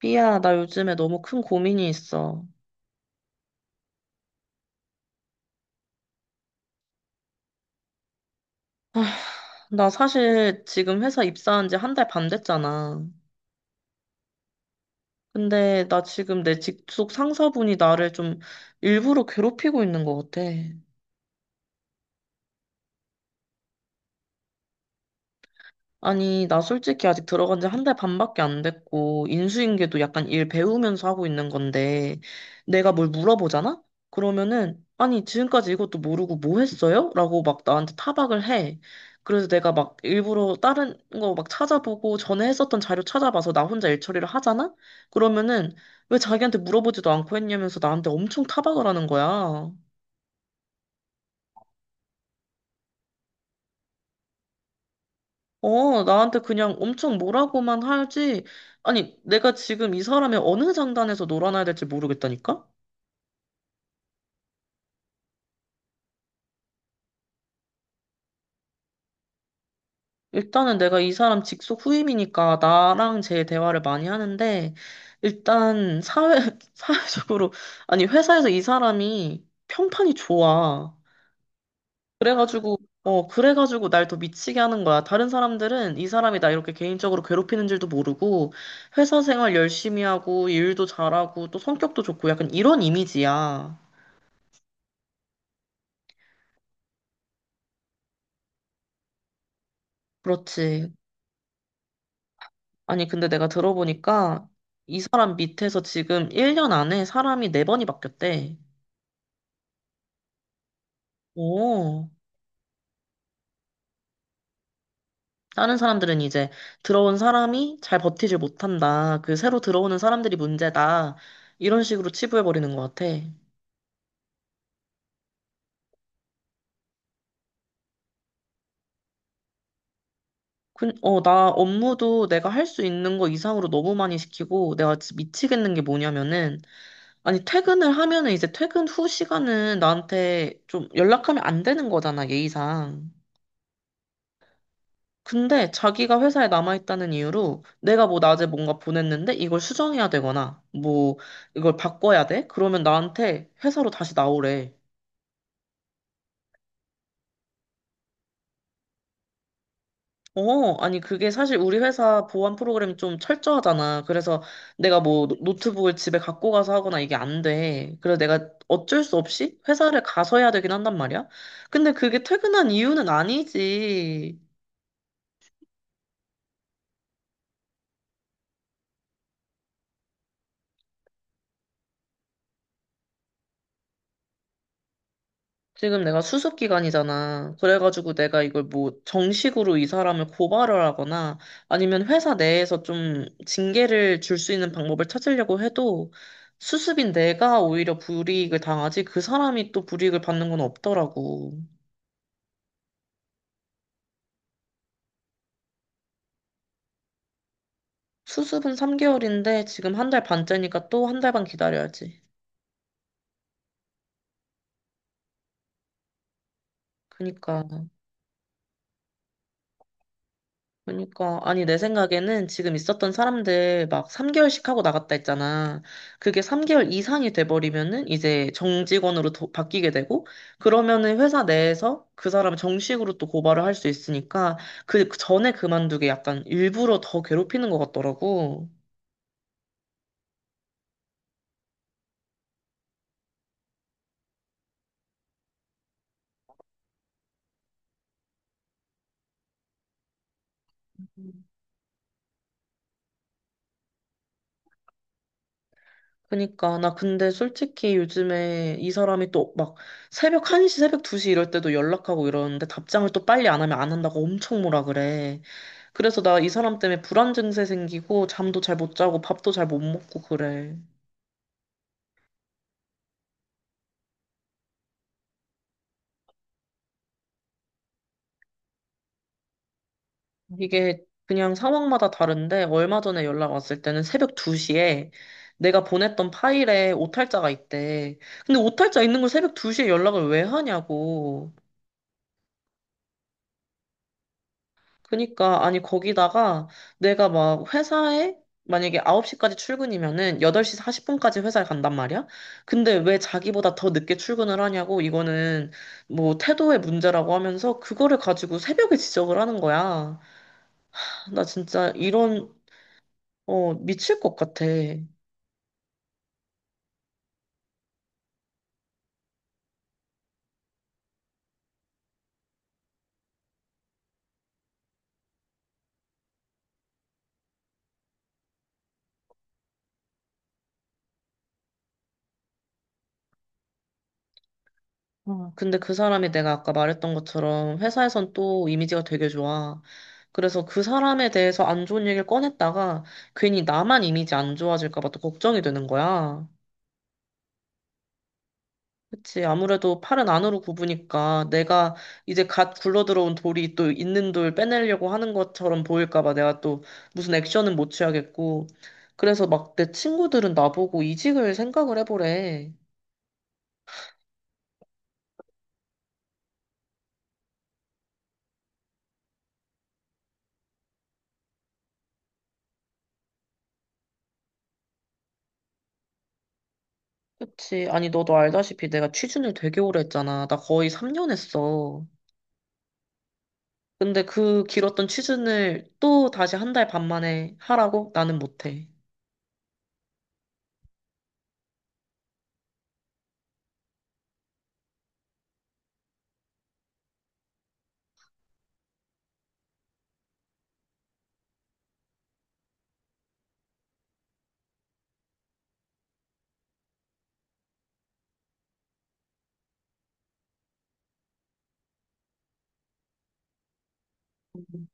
삐야, 나 요즘에 너무 큰 고민이 있어. 아, 나 사실 지금 회사 입사한 지 한 달 반 됐잖아. 근데 나 지금 내 직속 상사분이 나를 좀 일부러 괴롭히고 있는 것 같아. 아니, 나 솔직히 아직 들어간 지 한 달 반밖에 안 됐고, 인수인계도 약간 일 배우면서 하고 있는 건데, 내가 뭘 물어보잖아? 그러면은, 아니, 지금까지 이것도 모르고 뭐 했어요? 라고 막 나한테 타박을 해. 그래서 내가 막 일부러 다른 거 막 찾아보고, 전에 했었던 자료 찾아봐서 나 혼자 일 처리를 하잖아? 그러면은, 왜 자기한테 물어보지도 않고 했냐면서 나한테 엄청 타박을 하는 거야. 어, 나한테 그냥 엄청 뭐라고만 하지. 아니, 내가 지금 이 사람의 어느 장단에서 놀아나야 될지 모르겠다니까? 일단은 내가 이 사람 직속 후임이니까 나랑 제 대화를 많이 하는데, 일단 사회, 사회적으로, 아니, 회사에서 이 사람이 평판이 좋아. 그래가지고, 그래가지고 날 더 미치게 하는 거야. 다른 사람들은 이 사람이 나 이렇게 개인적으로 괴롭히는 줄도 모르고, 회사 생활 열심히 하고, 일도 잘하고, 또 성격도 좋고, 약간 이런 이미지야. 그렇지. 아니, 근데 내가 들어보니까 이 사람 밑에서 지금 1년 안에 사람이 4번이 바뀌었대. 오. 다른 사람들은 이제 들어온 사람이 잘 버티질 못한다. 그 새로 들어오는 사람들이 문제다. 이런 식으로 치부해버리는 것 같아. 나 업무도 내가 할 수 있는 거 이상으로 너무 많이 시키고 내가 진짜 미치겠는 게 뭐냐면은, 아니 퇴근을 하면은 이제 퇴근 후 시간은 나한테 좀 연락하면 안 되는 거잖아, 예의상. 근데 자기가 회사에 남아있다는 이유로 내가 뭐 낮에 뭔가 보냈는데 이걸 수정해야 되거나 뭐 이걸 바꿔야 돼? 그러면 나한테 회사로 다시 나오래. 어, 아니 그게 사실 우리 회사 보안 프로그램이 좀 철저하잖아. 그래서 내가 뭐 노트북을 집에 갖고 가서 하거나 이게 안 돼. 그래서 내가 어쩔 수 없이 회사를 가서 해야 되긴 한단 말이야. 근데 그게 퇴근한 이유는 아니지. 지금 내가 수습 기간이잖아. 그래가지고 내가 이걸 뭐 정식으로 이 사람을 고발을 하거나 아니면 회사 내에서 좀 징계를 줄 수 있는 방법을 찾으려고 해도 수습인 내가 오히려 불이익을 당하지 그 사람이 또 불이익을 받는 건 없더라고. 수습은 3개월인데 지금 한 달 반째니까 또 한 달 반 기다려야지. 그니까 그러니까 아니 내 생각에는 지금 있었던 사람들 막 3개월씩 하고 나갔다 했잖아. 그게 3개월 이상이 돼버리면은 이제 정직원으로 도- 바뀌게 되고 그러면은 회사 내에서 그 사람을 정식으로 또 고발을 할 수 있으니까 그 전에 그만두게 약간 일부러 더 괴롭히는 것 같더라고. 그니까 나 근데 솔직히 요즘에 이 사람이 또 막 새벽 1시, 새벽 2시 이럴 때도 연락하고 이러는데 답장을 또 빨리 안 하면 안 한다고 엄청 뭐라 그래. 그래서 나 이 사람 때문에 불안 증세 생기고 잠도 잘 못 자고 밥도 잘 못 먹고 그래. 이게 그냥 상황마다 다른데 얼마 전에 연락 왔을 때는 새벽 2시에 내가 보냈던 파일에 오탈자가 있대. 근데 오탈자 있는 걸 새벽 2시에 연락을 왜 하냐고. 그니까, 아니, 거기다가 내가 막 회사에 만약에 9시까지 출근이면은 8시 40분까지 회사에 간단 말이야? 근데 왜 자기보다 더 늦게 출근을 하냐고, 이거는 뭐 태도의 문제라고 하면서 그거를 가지고 새벽에 지적을 하는 거야. 나 진짜 이런, 미칠 것 같아. 근데 그 사람이 내가 아까 말했던 것처럼 회사에선 또 이미지가 되게 좋아. 그래서 그 사람에 대해서 안 좋은 얘기를 꺼냈다가 괜히 나만 이미지 안 좋아질까 봐 또 걱정이 되는 거야. 그치. 아무래도 팔은 안으로 굽으니까 내가 이제 갓 굴러들어온 돌이 또 있는 돌 빼내려고 하는 것처럼 보일까 봐 내가 또 무슨 액션은 못 취하겠고. 그래서 막 내 친구들은 나보고 이직을 생각을 해보래. 그치. 아니, 너도 알다시피 내가 취준을 되게 오래 했잖아. 나 거의 3년 했어. 근데 그 길었던 취준을 또 다시 한 달 반 만에 하라고? 나는 못해. 음,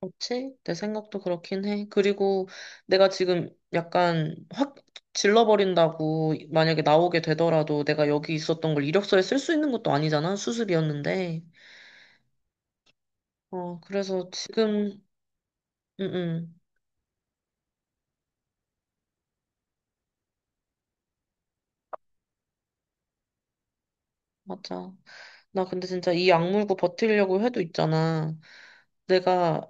그렇지? 내 생각도 그렇긴 해. 그리고 내가 지금 약간 확 질러버린다고 만약에 나오게 되더라도 내가 여기 있었던 걸 이력서에 쓸 수 있는 것도 아니잖아. 수습이었는데. 그래서 지금, 응, 응. 맞아. 나 근데 진짜 이 악물고 버티려고 해도 있잖아. 내가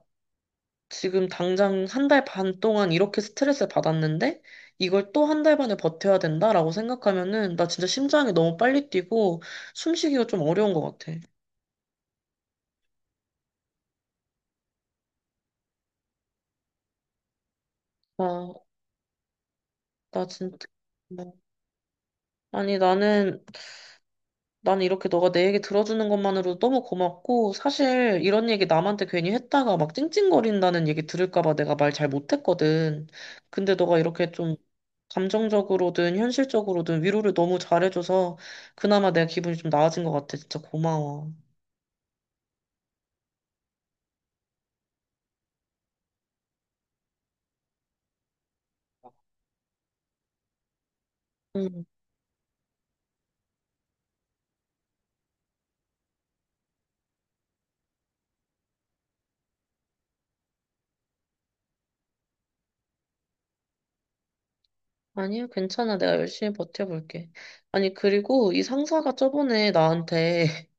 지금 당장 한 달 반 동안 이렇게 스트레스를 받았는데 이걸 또 한 달 반을 버텨야 된다라고 생각하면은 나 진짜 심장이 너무 빨리 뛰고 숨쉬기가 좀 어려운 것 같아. 와, 나 진짜. 뭐. 아니, 나는 이렇게 너가 내 얘기 들어주는 것만으로도 너무 고맙고, 사실 이런 얘기 남한테 괜히 했다가 막 찡찡거린다는 얘기 들을까 봐 내가 말 잘 못했거든. 근데 너가 이렇게 좀 감정적으로든 현실적으로든 위로를 너무 잘해줘서 그나마 내가 기분이 좀 나아진 것 같아. 진짜 고마워. 응. 아니야, 괜찮아. 내가 열심히 버텨볼게. 아니, 그리고 이 상사가 저번에 나한테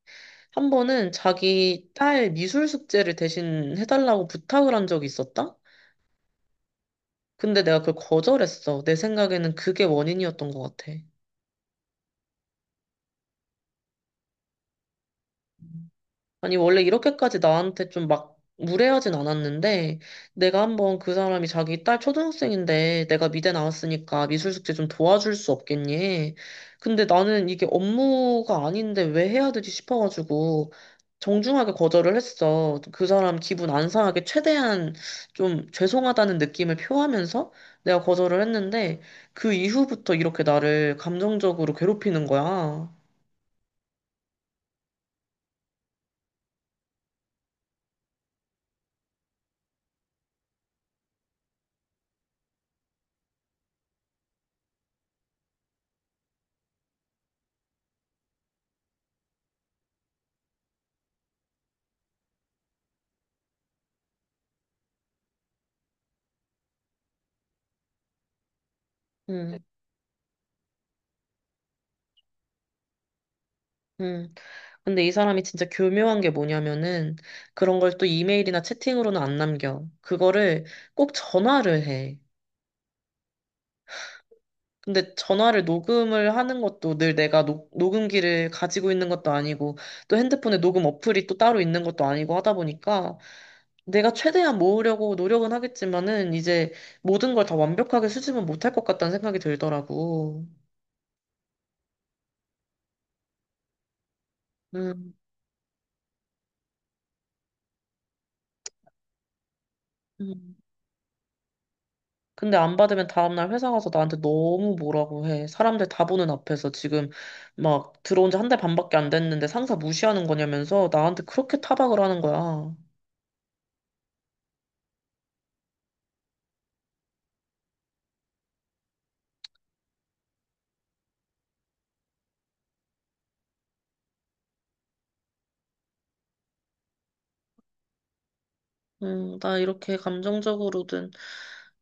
한 번은 자기 딸 미술 숙제를 대신 해달라고 부탁을 한 적이 있었다? 근데 내가 그걸 거절했어. 내 생각에는 그게 원인이었던 것 같아. 아니, 원래 이렇게까지 나한테 좀 막 무례하진 않았는데, 내가 한번 그 사람이 자기 딸 초등학생인데, 내가 미대 나왔으니까 미술 숙제 좀 도와줄 수 없겠니? 근데 나는 이게 업무가 아닌데 왜 해야 되지 싶어가지고, 정중하게 거절을 했어. 그 사람 기분 안 상하게 최대한 좀 죄송하다는 느낌을 표하면서 내가 거절을 했는데, 그 이후부터 이렇게 나를 감정적으로 괴롭히는 거야. 음. 음. 근데 이 사람이 진짜 교묘한 게 뭐냐면은 그런 걸 또 이메일이나 채팅으로는 안 남겨. 그거를 꼭 전화를 해. 근데 전화를 녹음을 하는 것도 늘 내가 녹음기를 가지고 있는 것도 아니고 또 핸드폰에 녹음 어플이 또 따로 있는 것도 아니고 하다 보니까 내가 최대한 모으려고 노력은 하겠지만은 이제 모든 걸 다 완벽하게 수집은 못할 것 같다는 생각이 들더라고. 음. 음. 근데 안 받으면 다음날 회사 가서 나한테 너무 뭐라고 해. 사람들 다 보는 앞에서 지금 막 들어온 지 한 달 반밖에 안 됐는데 상사 무시하는 거냐면서 나한테 그렇게 타박을 하는 거야. 나 이렇게 감정적으로든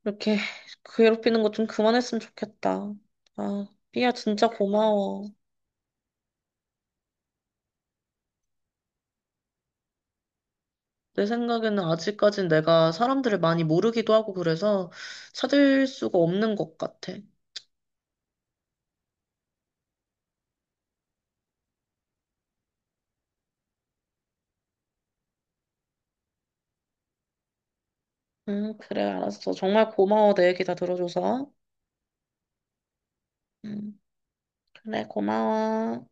이렇게 괴롭히는 거 좀 그만했으면 좋겠다. 아, 삐야 진짜 고마워. 내 생각에는 아직까진 내가 사람들을 많이 모르기도 하고 그래서 찾을 수가 없는 것 같아. 그래, 알았어. 정말 고마워. 내 얘기 다 들어줘서. 음. 그래, 고마워.